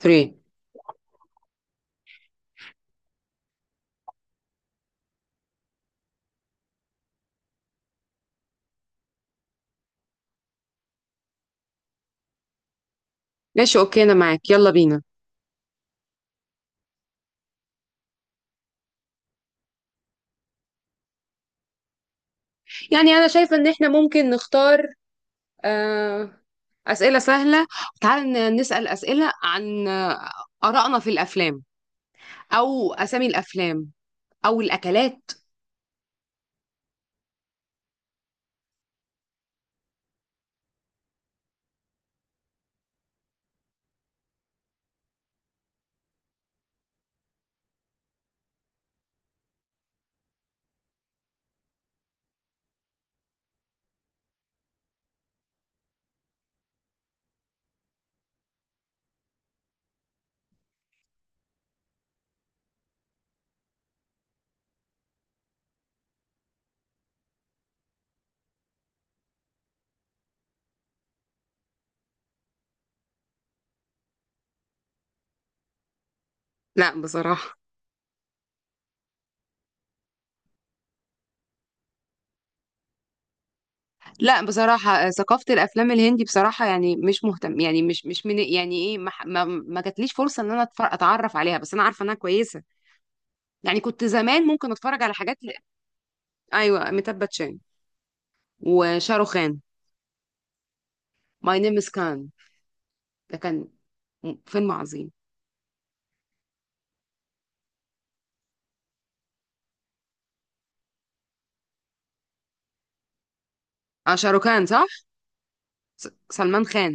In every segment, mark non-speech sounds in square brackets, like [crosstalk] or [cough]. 3. ماشي، اوكي، انا معاك، يلا بينا. يعني انا شايفة ان احنا ممكن نختار، آه، اسئلة سهلة. تعال نسأل اسئلة عن آرائنا في الافلام، او اسامي الافلام، او الاكلات. لا، بصراحة. لا، بصراحة، ثقافة الافلام الهندي بصراحة، يعني مش مهتم، يعني مش من يعني ايه، ما ما جاتليش فرصة ان انا اتعرف عليها، بس انا عارفة انها كويسة. يعني كنت زمان ممكن اتفرج على حاجات. ايوه، أميتاب باتشان وشاروخان. ماي نيم از، ده كان فيلم عظيم. اه، شاروخان، صح. سلمان خان.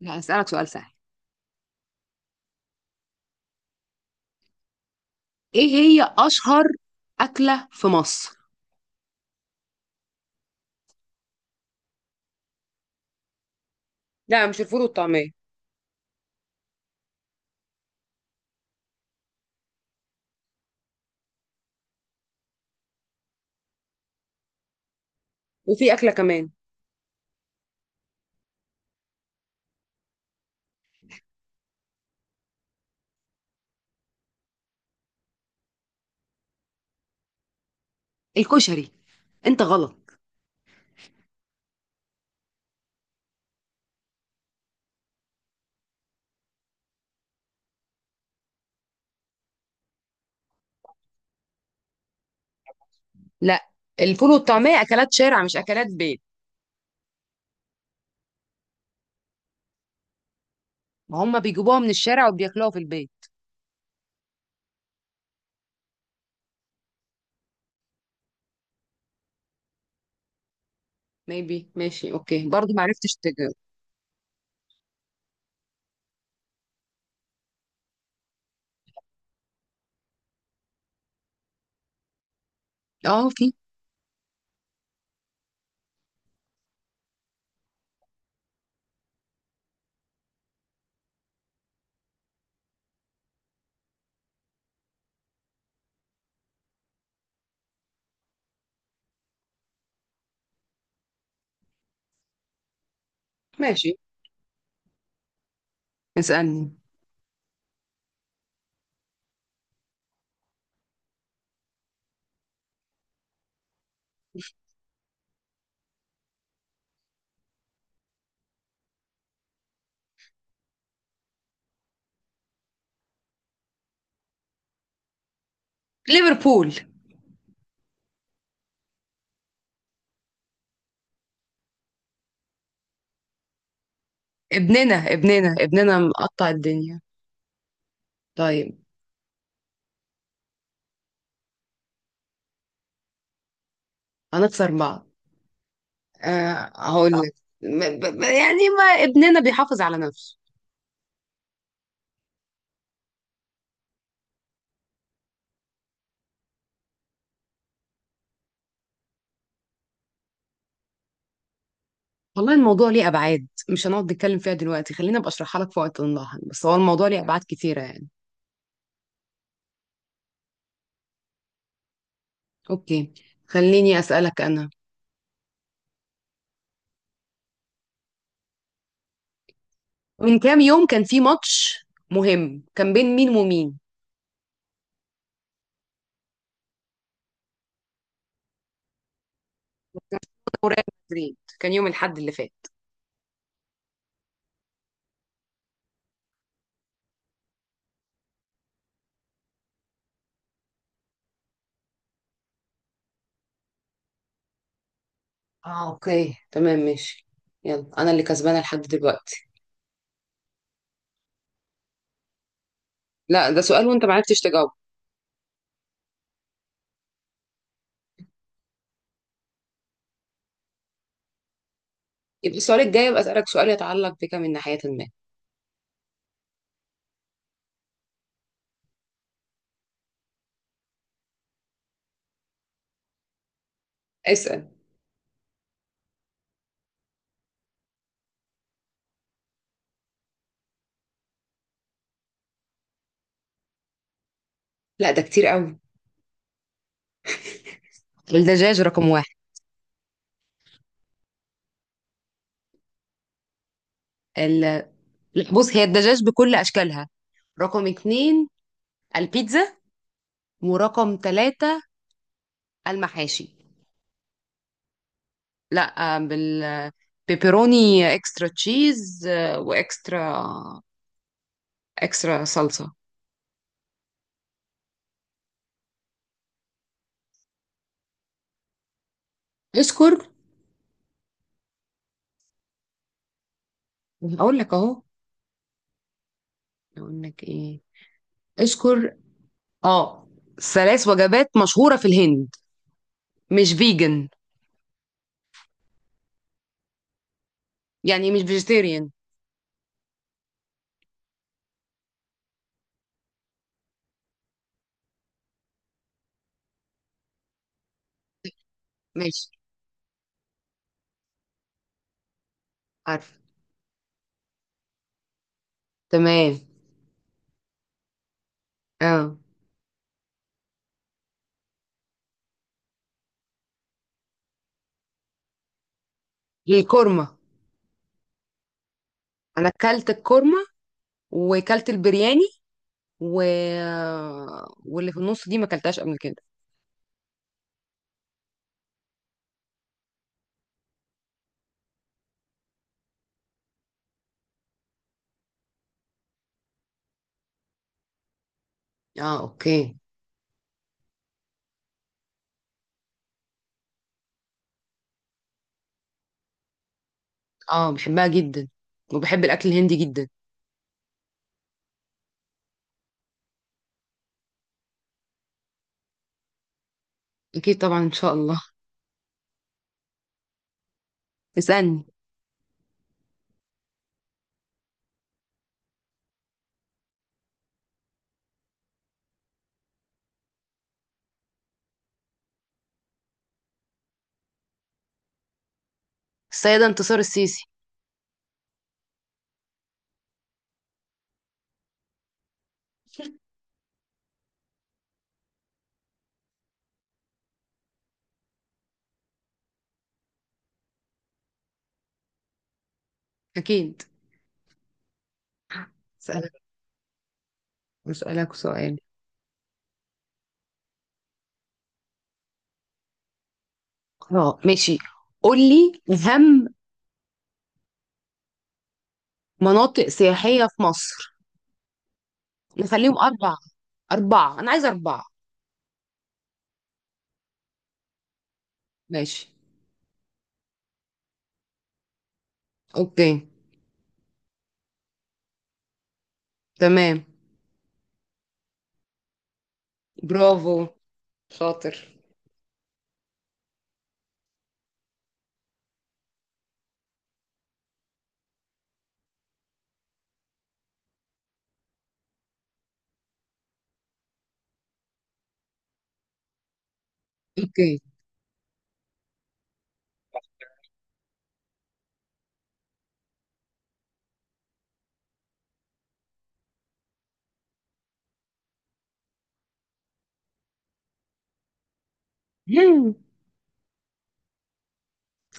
لا، هسألك سؤال سهل. ايه هي اشهر اكلة في مصر؟ لا، مش الفول والطعمية. وفي اكلة كمان. الكشري. انت غلط. لا، الفول والطعمية اكلات شارع، مش اكلات بيت. ما هم بيجيبوها من الشارع وبياكلوها في البيت. ميبي، ماشي، اوكي، برضو ما عرفتش تجاوب. اه، في. ماشي، اسألني. ليفربول. ابننا ابننا ابننا مقطع الدنيا. طيب. هنخسر بعض. هقول لك، يعني ما ابننا بيحافظ على نفسه. والله، الموضوع ليه ابعاد، مش هنقعد نتكلم فيها دلوقتي، خلينا ابقى اشرحها لك في وقت لاحق، بس هو الموضوع ليه ابعاد كتيره يعني. اوكي. خليني اسالك انا. من كام يوم كان في ماتش مهم، كان بين مين ومين؟ مدريد، كان يوم الاحد اللي فات. اه، اوكي، تمام، ماشي. يلا، انا اللي كسبانه لحد دلوقتي. لا، ده سؤال وانت ما عرفتش تجاوب. يبقى السؤال الجاي، ابقى اسالك سؤال يتعلق بك من ناحيه ما. اسال. لا، ده كتير قوي. الدجاج رقم واحد. ال- بص، هي الدجاج بكل أشكالها. رقم 2، البيتزا. ورقم 3، المحاشي. لا، بالبيبروني، اكسترا تشيز، واكسترا صلصة. اشكر. اقول لك اهو. اقول لك ايه. اشكر، اه. 3 وجبات مشهورة في الهند، مش فيجن. يعني مش فيجيتيريان. ماشي، عارف، تمام، اه. الكورمة. انا اكلت الكورمة، وكلت البرياني، و... واللي في النص دي ما اكلتهاش قبل كده. اه، اوكي. اه، بحبها جدا، وبحب الاكل الهندي جدا. اكيد طبعا، ان شاء الله. اسالني. السيده انتصار السيسي. [laughs] اكيد. اسالك اسالك سؤال. اه، ماشي. قولي اهم مناطق سياحيه في مصر. نخليهم اربعه، 4 انا عايزه 4. ماشي. اوكي. تمام. برافو، شاطر. اوكي. [laughs]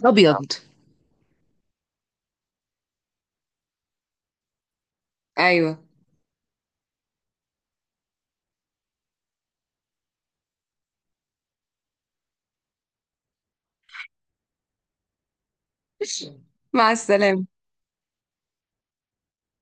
ابيض. ايوه. مع السلامه.